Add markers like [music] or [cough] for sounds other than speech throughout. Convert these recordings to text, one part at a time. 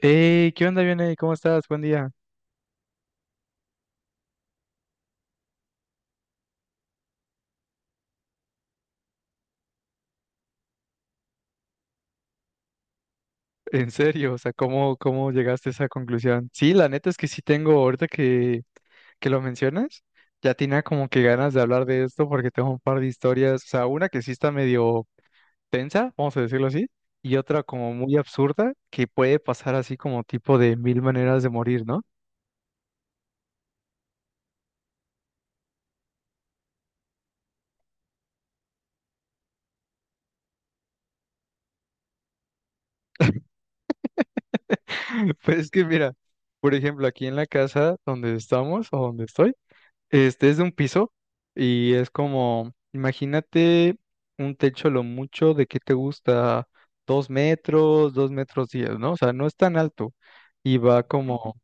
Hey, ¿qué onda, Vianey? ¿Cómo estás? Buen día. [laughs] En serio, o sea, ¿cómo llegaste a esa conclusión? Sí, la neta es que sí tengo, ahorita que lo mencionas, ya tenía como que ganas de hablar de esto porque tengo un par de historias, o sea, una que sí está medio tensa, vamos a decirlo así, y otra como muy absurda que puede pasar así como tipo de mil maneras de morir, ¿no? [laughs] Pues es que mira, por ejemplo, aquí en la casa donde estamos o donde estoy. Este es de un piso y es como, imagínate un techo lo mucho de que te gusta 2 metros, dos metros diez, ¿no? O sea, no es tan alto y va como,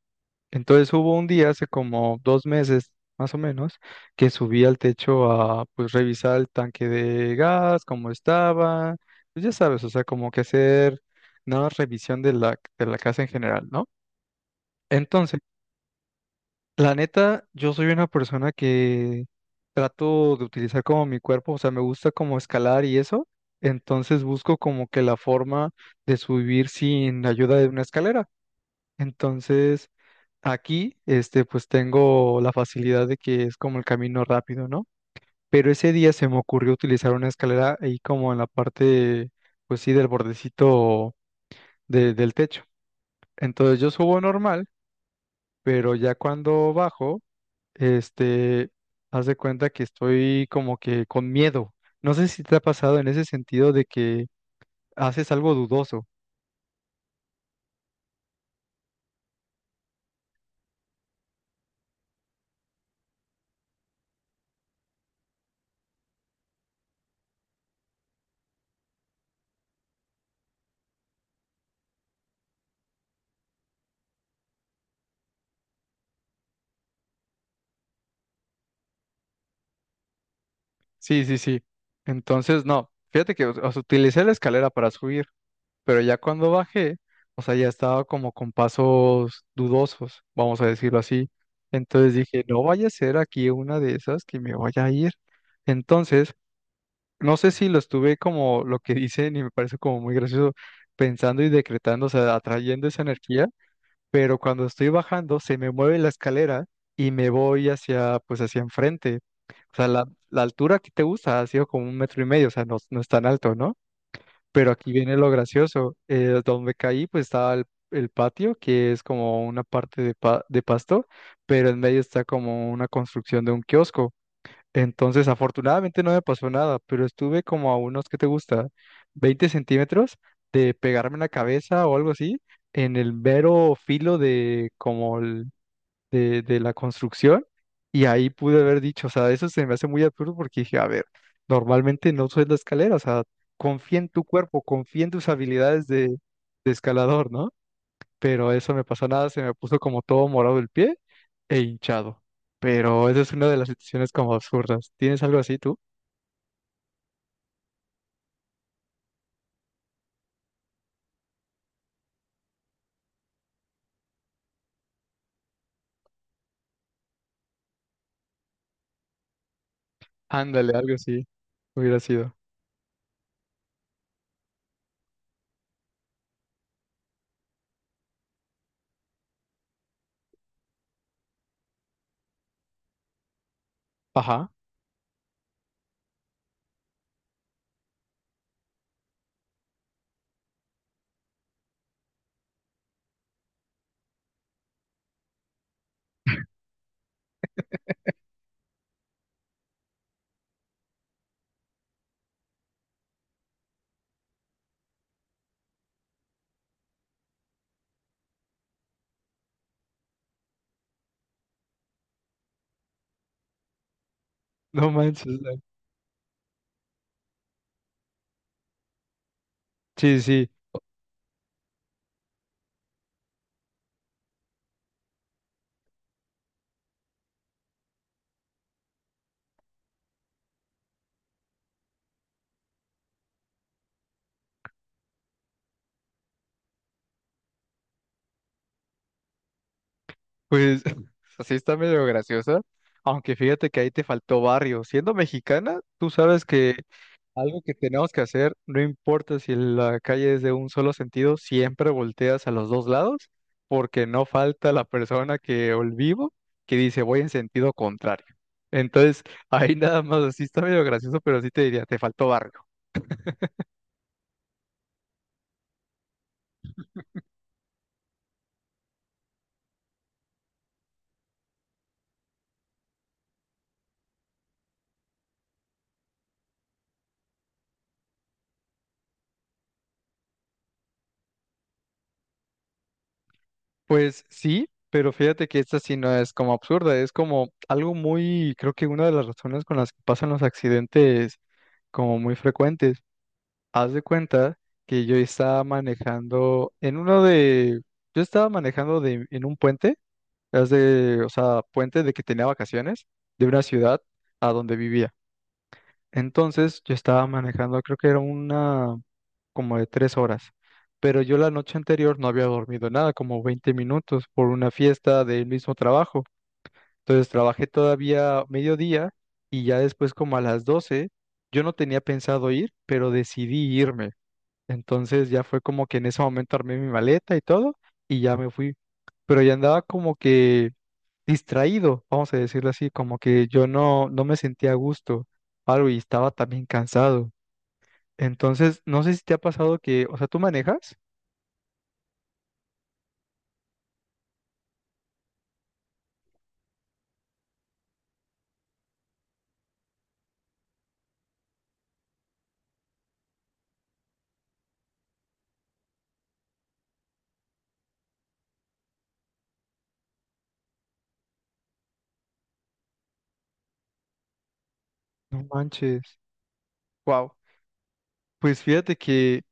entonces hubo un día hace como 2 meses más o menos que subí al techo a pues revisar el tanque de gas, cómo estaba, pues ya sabes, o sea, como que hacer una revisión de la casa en general, ¿no? La neta, yo soy una persona que trato de utilizar como mi cuerpo, o sea, me gusta como escalar y eso, entonces busco como que la forma de subir sin ayuda de una escalera. Entonces, aquí, pues tengo la facilidad de que es como el camino rápido, ¿no? Pero ese día se me ocurrió utilizar una escalera ahí como en la parte, pues sí, del bordecito del techo. Entonces yo subo normal, pero ya cuando bajo este, haz de cuenta que estoy como que con miedo. No sé si te ha pasado en ese sentido de que haces algo dudoso. Sí, sí, sí. Entonces, no, fíjate que o sea, utilicé la escalera para subir, pero ya cuando bajé, o sea, ya estaba como con pasos dudosos, vamos a decirlo así. Entonces dije, no vaya a ser aquí una de esas que me vaya a ir. Entonces, no sé si lo estuve como lo que [laughs] dicen y me parece como muy gracioso, pensando y decretando, o sea, atrayendo esa energía, pero cuando estoy bajando se me mueve la escalera y me voy hacia, pues hacia enfrente. O sea, la altura que te gusta ha sido como un metro y medio, o sea, no, no es tan alto, ¿no? Pero aquí viene lo gracioso. Donde caí, pues estaba el patio, que es como una parte de pasto, pero en medio está como una construcción de un kiosco. Entonces, afortunadamente no me pasó nada, pero estuve como a unos, ¿qué te gusta?, 20 centímetros de pegarme en la cabeza o algo así, en el mero filo de como de la construcción, y ahí pude haber dicho, o sea, eso se me hace muy absurdo porque dije, a ver, normalmente no subes la escalera, o sea, confía en tu cuerpo, confía en tus habilidades de escalador, ¿no? Pero eso me pasó nada, se me puso como todo morado el pie e hinchado. Pero esa es una de las situaciones como absurdas. ¿Tienes algo así tú? Ándale, algo así hubiera sido. Ajá. [laughs] No manches. Sí, sí. Pues [laughs] así está medio graciosa. Aunque fíjate que ahí te faltó barrio. Siendo mexicana, tú sabes que algo que tenemos que hacer, no importa si la calle es de un solo sentido, siempre volteas a los dos lados, porque no falta la persona que o el vivo que dice voy en sentido contrario. Entonces, [laughs] ahí nada más, así está medio gracioso, pero sí te diría, te faltó barrio. Pues sí, pero fíjate que esta sí no es como absurda, es como algo muy, creo que una de las razones con las que pasan los accidentes como muy frecuentes. Haz de cuenta que yo estaba manejando en uno de, yo estaba manejando de, en un puente, haz de, o sea, puente de que tenía vacaciones de una ciudad a donde vivía. Entonces yo estaba manejando, creo que era una como de 3 horas, pero yo la noche anterior no había dormido nada, como 20 minutos por una fiesta del mismo trabajo. Entonces trabajé todavía mediodía y ya después como a las 12 yo no tenía pensado ir, pero decidí irme. Entonces ya fue como que en ese momento armé mi maleta y todo y ya me fui. Pero ya andaba como que distraído, vamos a decirlo así, como que yo no, no me sentía a gusto, algo, y estaba también cansado. Entonces, no sé si te ha pasado que, o sea, tú manejas. No manches. Wow. Pues fíjate que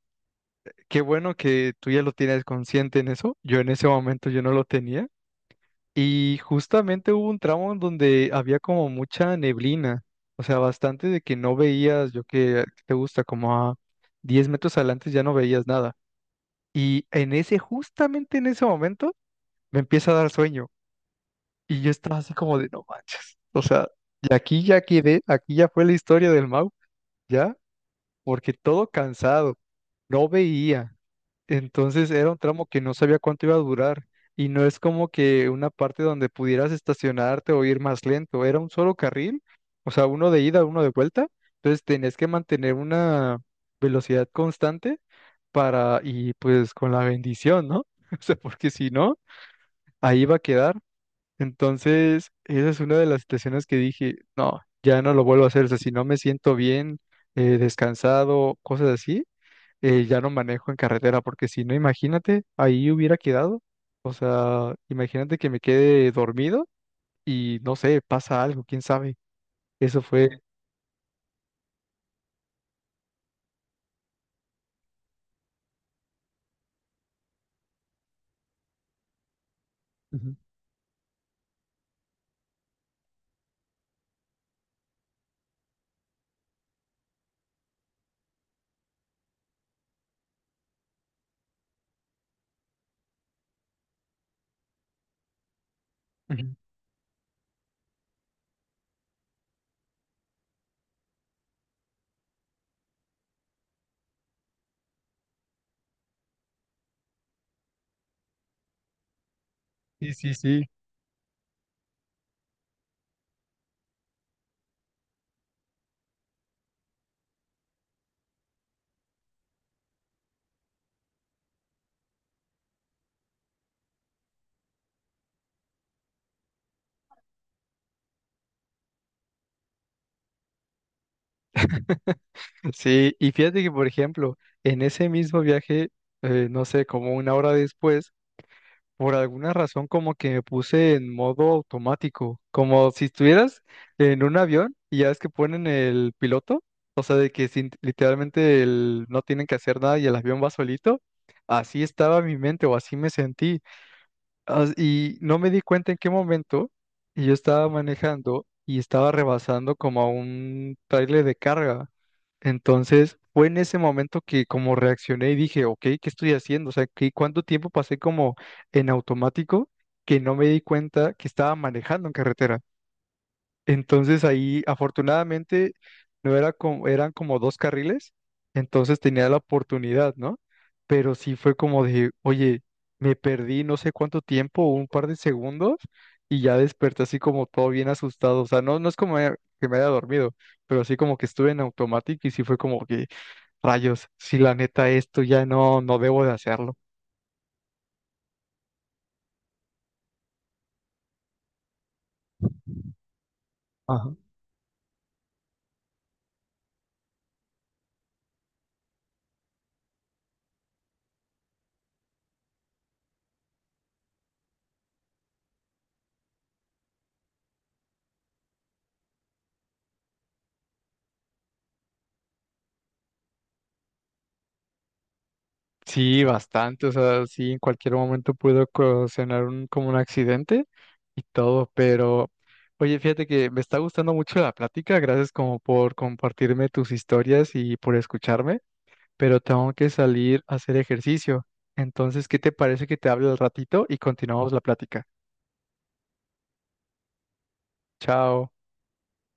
qué bueno que tú ya lo tienes consciente en eso. Yo en ese momento yo no lo tenía. Y justamente hubo un tramo en donde había como mucha neblina. O sea, bastante de que no veías, yo que te gusta, como a 10 metros adelante ya no veías nada. Y en ese, justamente en ese momento, me empieza a dar sueño. Y yo estaba así como de, no manches. O sea, y aquí ya quedé, aquí ya fue la historia del Mau, ya, porque todo cansado, no veía. Entonces era un tramo que no sabía cuánto iba a durar y no es como que una parte donde pudieras estacionarte o ir más lento, era un solo carril, o sea, uno de ida, uno de vuelta, entonces tenías que mantener una velocidad constante para y pues con la bendición, ¿no? [laughs] O sea, porque si no, ahí va a quedar. Entonces, esa es una de las situaciones que dije, no, ya no lo vuelvo a hacer, o sea, si no me siento bien, descansado, cosas así, ya no manejo en carretera, porque si no, imagínate, ahí hubiera quedado. O sea, imagínate que me quede dormido y no sé, pasa algo, quién sabe. Eso fue. Ujú, ujú. [laughs] Sí, sí, sí. Sí, y fíjate que, por ejemplo, en ese mismo viaje, no sé, como una hora después, por alguna razón como que me puse en modo automático, como si estuvieras en un avión y ya ves que ponen el piloto, o sea, de que literalmente no tienen que hacer nada y el avión va solito. Así estaba mi mente o así me sentí. Ah, y no me di cuenta en qué momento y yo estaba manejando y estaba rebasando como a un trailer de carga. Entonces fue en ese momento que como reaccioné y dije, ok, ¿qué estoy haciendo? O sea, ¿qué, cuánto tiempo pasé como en automático que no me di cuenta que estaba manejando en carretera? Entonces ahí, afortunadamente, no era como, eran como dos carriles, entonces tenía la oportunidad, ¿no? Pero sí fue como de, oye, me perdí no sé cuánto tiempo, un par de segundos, y ya desperté así como todo bien asustado. O sea, no, no es como que me haya dormido, pero así como que estuve en automático y sí fue como que, rayos, si la neta esto ya no, no debo de hacerlo. Sí, bastante, o sea, sí, en cualquier momento pudo ocasionar como un accidente y todo, pero oye, fíjate que me está gustando mucho la plática, gracias como por compartirme tus historias y por escucharme, pero tengo que salir a hacer ejercicio. Entonces, ¿qué te parece que te hable al ratito y continuamos la plática? Chao.